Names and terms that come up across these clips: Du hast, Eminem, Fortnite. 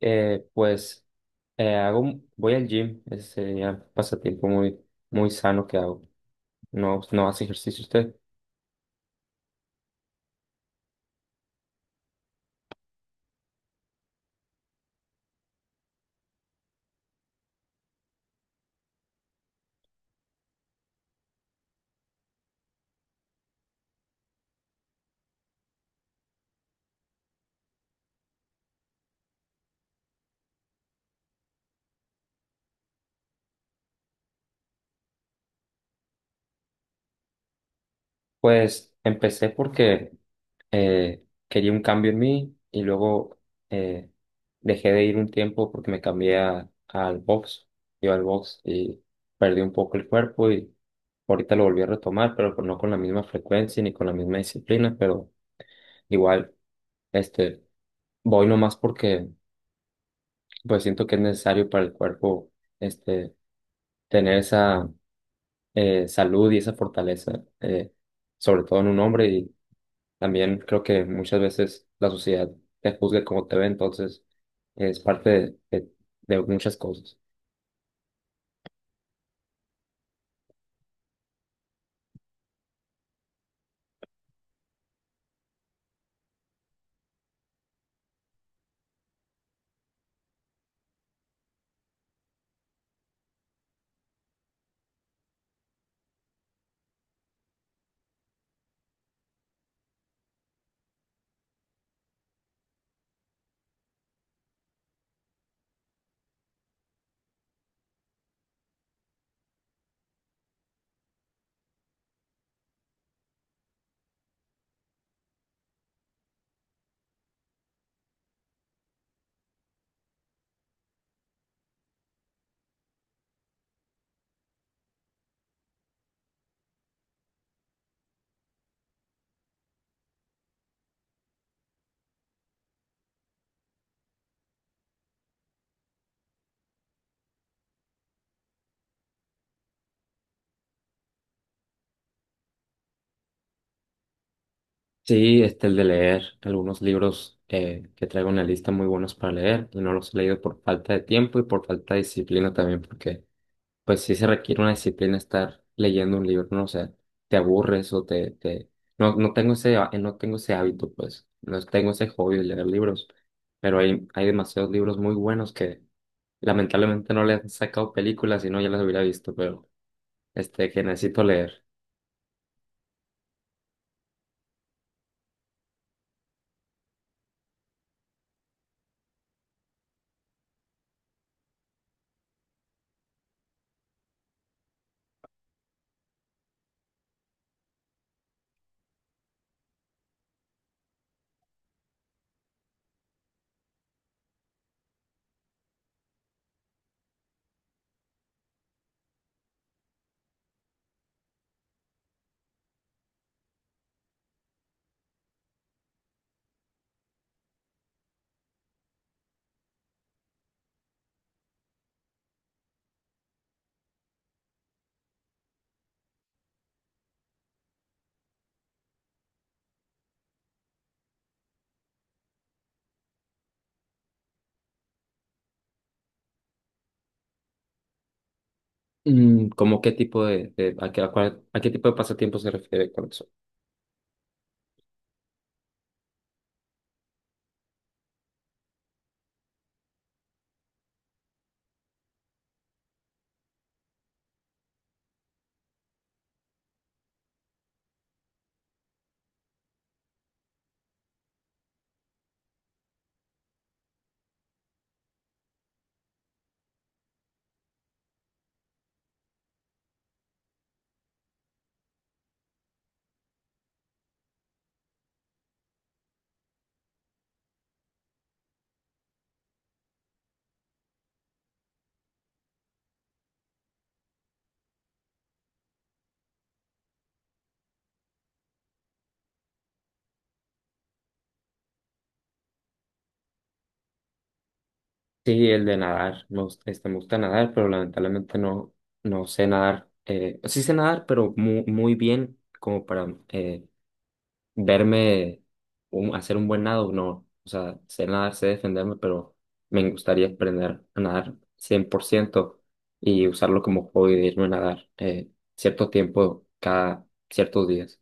Eh, pues hago, voy al gym, ese ya pasatiempo muy sano que hago. No, no hace ejercicio usted. Pues empecé porque eh, quería un cambio en mí y luego eh, dejé de ir un tiempo porque me cambié al box. Yo al box y perdí un poco el cuerpo y ahorita lo volví a retomar, pero pues no con la misma frecuencia ni con la misma disciplina, pero igual, este, voy nomás porque pues siento que es necesario para el cuerpo este, tener esa salud y esa fortaleza, sobre todo en un hombre y también creo que muchas veces la sociedad te juzga como te ve, entonces es parte de muchas cosas. Sí, este, el de leer algunos libros que traigo en la lista muy buenos para leer y no los he leído por falta de tiempo y por falta de disciplina también porque pues sí se requiere una disciplina estar leyendo un libro, no sé, te aburres o te... No, no tengo no tengo ese hábito, pues, no tengo ese hobby de leer libros, pero hay demasiados libros muy buenos que lamentablemente no le han sacado películas y no ya las hubiera visto, pero este, que necesito leer. Mm, ¿cómo qué tipo a a a qué tipo de pasatiempo se refiere con eso? Sí, el de nadar. Me gusta, este, me gusta nadar, pero lamentablemente no sé nadar. Sí sé nadar, pero muy bien como para verme hacer un buen nado. No, o sea, sé nadar, sé defenderme, pero me gustaría aprender a nadar 100% y usarlo como hobby de irme a nadar cierto tiempo cada ciertos días.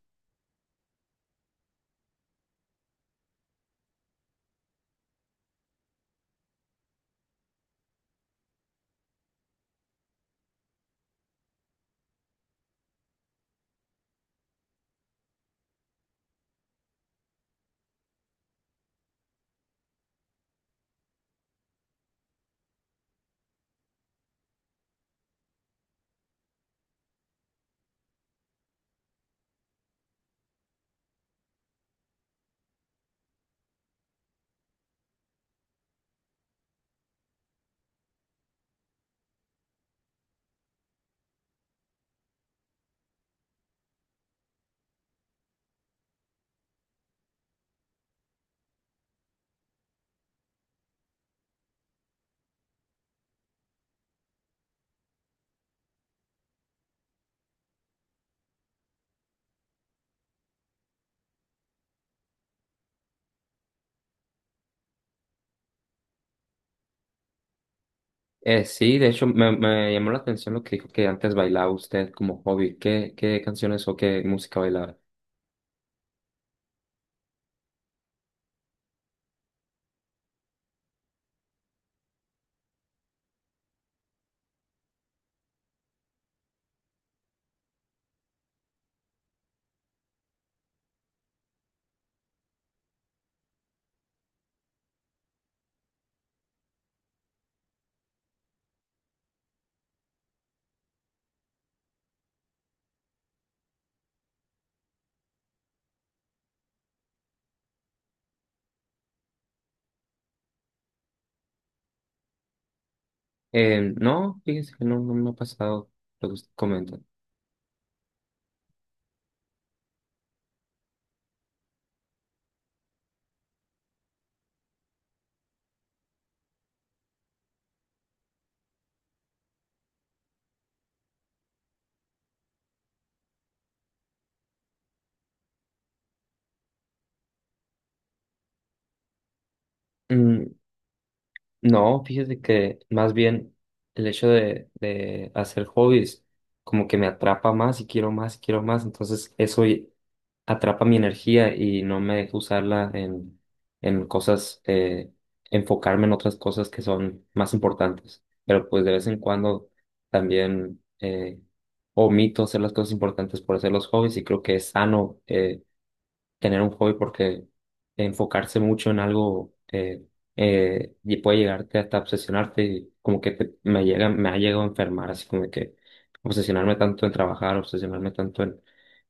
Sí, de hecho me llamó la atención lo que dijo que antes bailaba usted como hobby. Qué canciones o qué música bailaba? No, fíjese que no me ha pasado lo que usted comenta. Mm, no, fíjese que más bien el hecho de hacer hobbies como que me atrapa más y quiero más y quiero más, entonces atrapa mi energía y no me deja usarla en cosas, enfocarme en otras cosas que son más importantes, pero pues de vez en cuando también omito hacer las cosas importantes por hacer los hobbies y creo que es sano. Tener un hobby porque enfocarse mucho en algo y puede llegarte hasta obsesionarte y como que me llega, me ha llegado a enfermar, así como que obsesionarme tanto en trabajar, obsesionarme tanto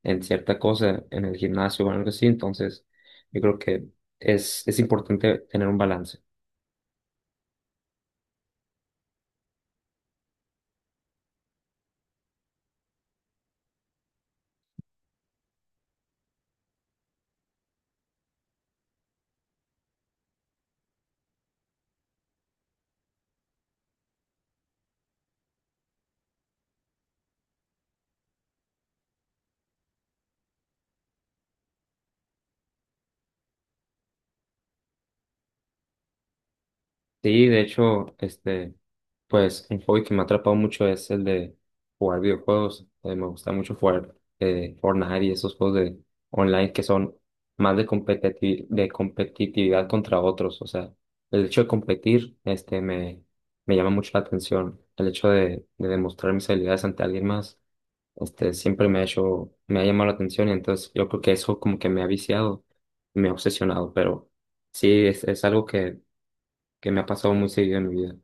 en cierta cosa, en el gimnasio o algo así, entonces yo creo que es importante tener un balance. Sí, de hecho, este, pues un hobby que me ha atrapado mucho es el de jugar videojuegos. Me gusta mucho jugar Fortnite y esos juegos de online que son más de de competitividad contra otros. O sea, el hecho de competir, me llama mucho la atención. El hecho de demostrar mis habilidades ante alguien más, este, siempre me ha me ha llamado la atención. Y entonces yo creo que eso como que me ha viciado, me ha obsesionado, pero sí, es algo que me ha pasado muy seguido en mi vida.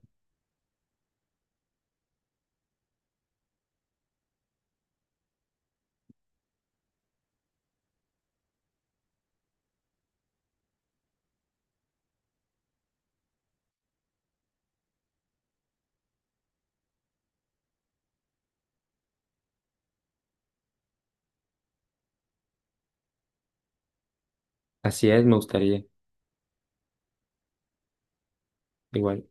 Así es, me gustaría, igual.